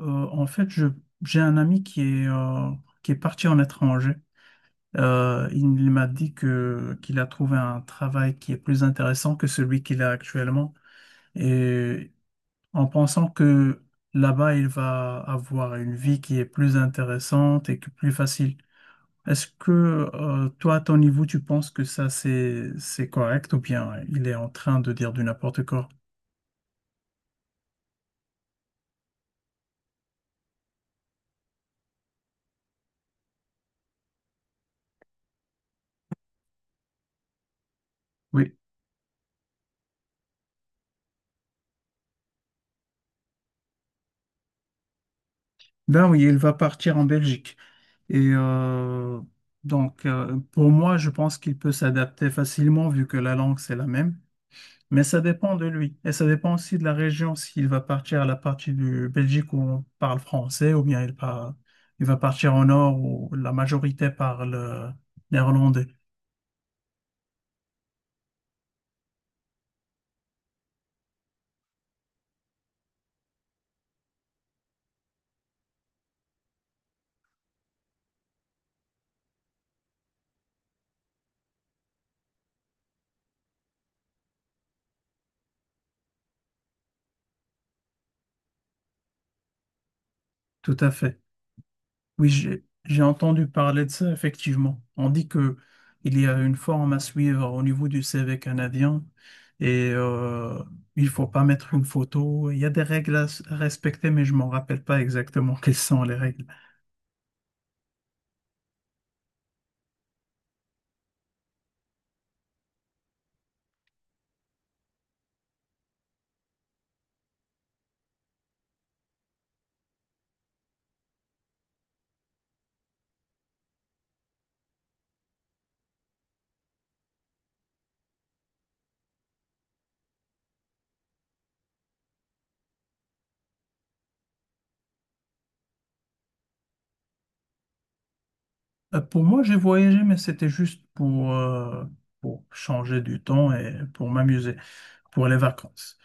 Euh, En fait, j'ai un ami qui est parti en étranger. Il m'a dit qu'il a trouvé un travail qui est plus intéressant que celui qu'il a actuellement. Et en pensant que là-bas, il va avoir une vie qui est plus intéressante et que plus facile. Est-ce que, toi, à ton niveau, tu penses que ça, c'est correct ou bien il est en train de dire du n'importe quoi? Oui. Ben oui, il va partir en Belgique. Et donc, pour moi, je pense qu'il peut s'adapter facilement vu que la langue, c'est la même. Mais ça dépend de lui. Et ça dépend aussi de la région, s'il va partir à la partie du Belgique où on parle français, ou bien il va partir au nord où la majorité parle néerlandais. Tout à fait. Oui, j'ai entendu parler de ça, effectivement. On dit que il y a une forme à suivre au niveau du C CV canadien et il faut pas mettre une photo. Il y a des règles à respecter, mais je m'en rappelle pas exactement quelles sont les règles. Pour moi, j'ai voyagé, mais c'était juste pour changer du temps et pour m'amuser, pour les vacances.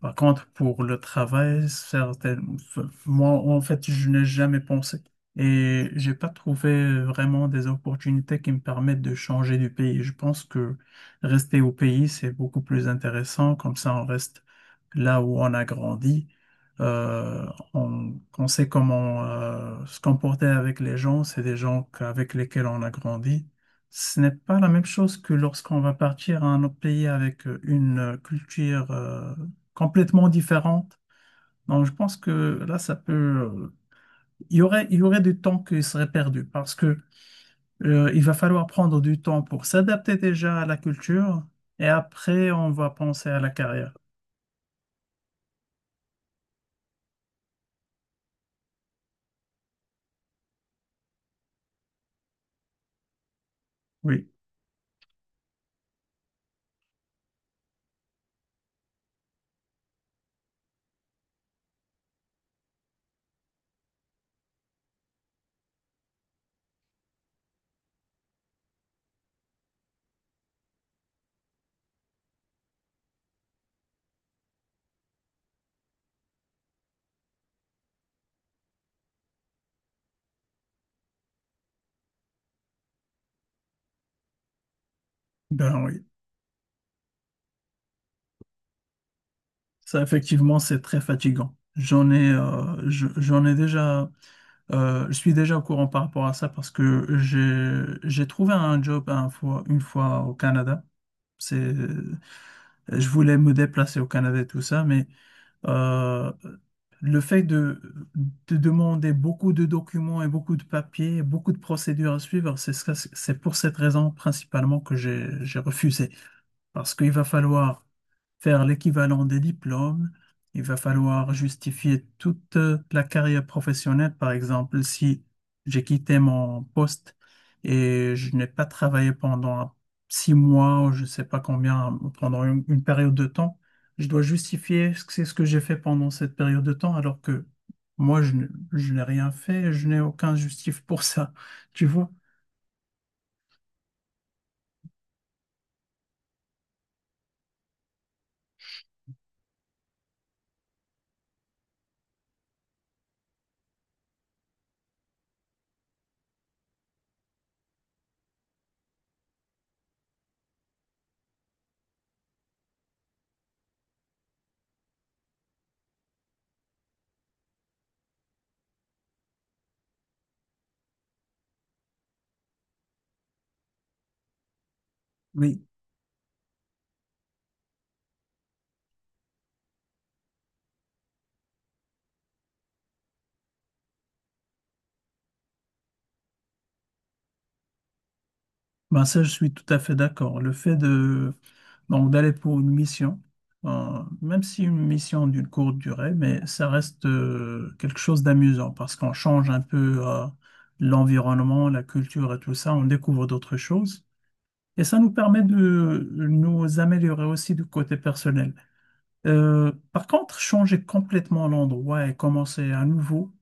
Par contre, pour le travail, enfin, moi, en fait, je n'ai jamais pensé. Et j'ai pas trouvé vraiment des opportunités qui me permettent de changer du pays. Je pense que rester au pays, c'est beaucoup plus intéressant. Comme ça, on reste là où on a grandi. Euh, on sait comment se comporter avec les gens. C'est des gens avec lesquels on a grandi. Ce n'est pas la même chose que lorsqu'on va partir à un autre pays avec une culture complètement différente. Donc, je pense que là, ça peut. Il y aurait du temps qui serait perdu parce que il va falloir prendre du temps pour s'adapter déjà à la culture et après, on va penser à la carrière. Oui, ben oui. Ça, effectivement, c'est très fatigant. J'en ai, je- j'en ai déjà, Je suis déjà au courant par rapport à ça parce que j'ai trouvé un job une fois au Canada. C'est, je voulais me déplacer au Canada et tout ça, mais euh, le fait de demander beaucoup de documents et beaucoup de papiers, beaucoup de procédures à suivre, c'est pour cette raison principalement que j'ai refusé. Parce qu'il va falloir faire l'équivalent des diplômes. Il va falloir justifier toute la carrière professionnelle. Par exemple, si j'ai quitté mon poste et je n'ai pas travaillé pendant 6 mois ou je ne sais pas combien, pendant une période de temps, je dois justifier ce que c'est ce que j'ai fait pendant cette période de temps alors que moi, je n'ai rien fait, je n'ai aucun justif pour ça. Tu vois? Oui. Ben ça, je suis tout à fait d'accord. Le fait de donc d'aller pour une mission, même si une mission d'une courte durée, mais ça reste quelque chose d'amusant parce qu'on change un peu l'environnement, la culture et tout ça, on découvre d'autres choses. Et ça nous permet de nous améliorer aussi du côté personnel. Par contre, changer complètement l'endroit et commencer à nouveau,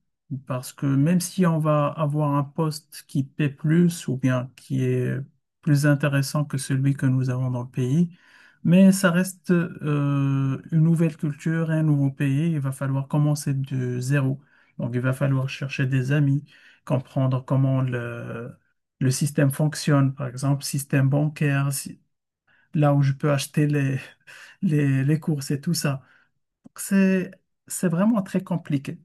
parce que même si on va avoir un poste qui paie plus ou bien qui est plus intéressant que celui que nous avons dans le pays, mais ça reste une nouvelle culture et un nouveau pays, il va falloir commencer de zéro. Donc, il va falloir chercher des amis, comprendre comment le système fonctionne, par exemple, système bancaire, là où je peux acheter les courses et tout ça. C'est, c'est vraiment très compliqué.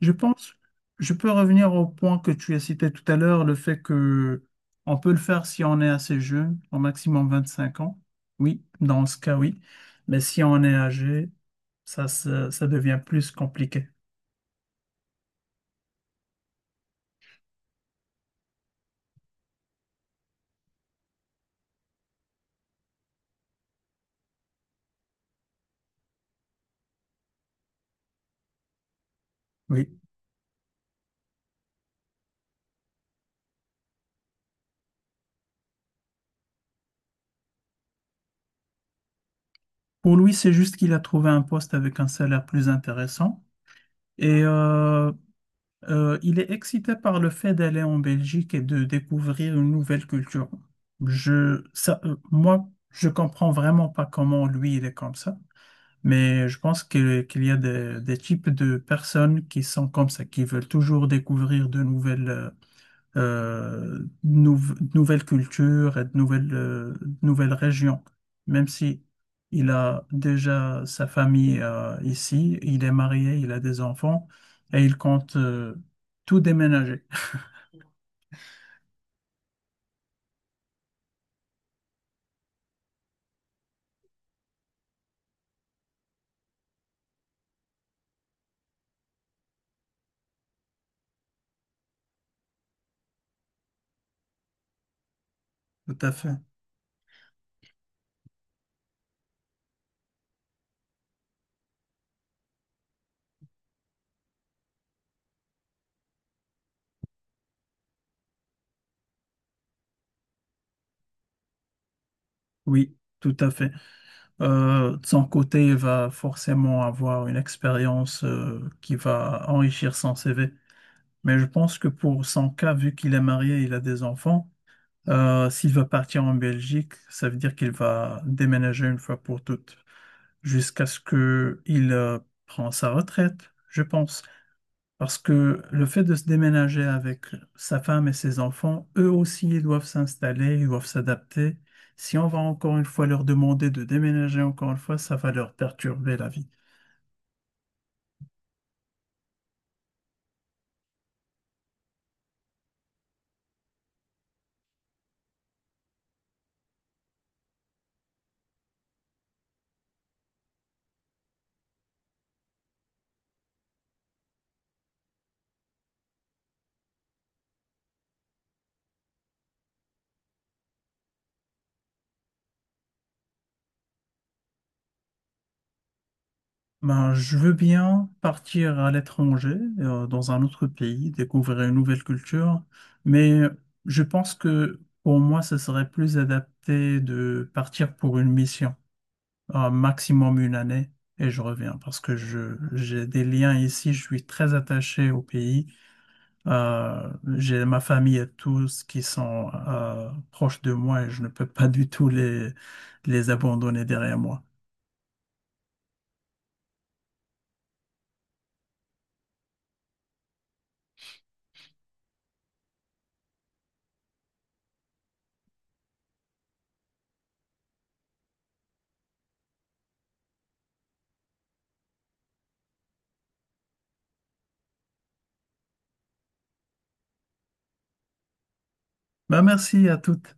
Je pense, je peux revenir au point que tu as cité tout à l'heure, le fait que on peut le faire si on est assez jeune, au maximum 25 ans. Oui, dans ce cas, oui. Mais si on est âgé, ça devient plus compliqué. Oui. Pour lui, c'est juste qu'il a trouvé un poste avec un salaire plus intéressant. Et il est excité par le fait d'aller en Belgique et de découvrir une nouvelle culture. Moi, je comprends vraiment pas comment lui, il est comme ça, mais je pense qu'il y a des types de personnes qui sont comme ça, qui veulent toujours découvrir de nouvelles cultures et de nouvelles régions. Même si il a déjà sa famille ici, il est marié, il a des enfants et il compte tout déménager. Tout à fait. Oui, tout à fait. De son côté, il va forcément avoir une expérience qui va enrichir son CV. Mais je pense que pour son cas, vu qu'il est marié, il a des enfants. S'il va partir en Belgique, ça veut dire qu'il va déménager une fois pour toutes, jusqu'à ce que il prend sa retraite, je pense. Parce que le fait de se déménager avec sa femme et ses enfants, eux aussi, ils doivent s'installer, ils doivent s'adapter. Si on va encore une fois leur demander de déménager encore une fois, ça va leur perturber la vie. Ben, je veux bien partir à l'étranger, dans un autre pays, découvrir une nouvelle culture, mais je pense que pour moi, ce serait plus adapté de partir pour une mission, un maximum une année, et je reviens parce que j'ai des liens ici, je suis très attaché au pays. J'ai ma famille et tous qui sont, proches de moi et je ne peux pas du tout les abandonner derrière moi. Ben, merci à toutes.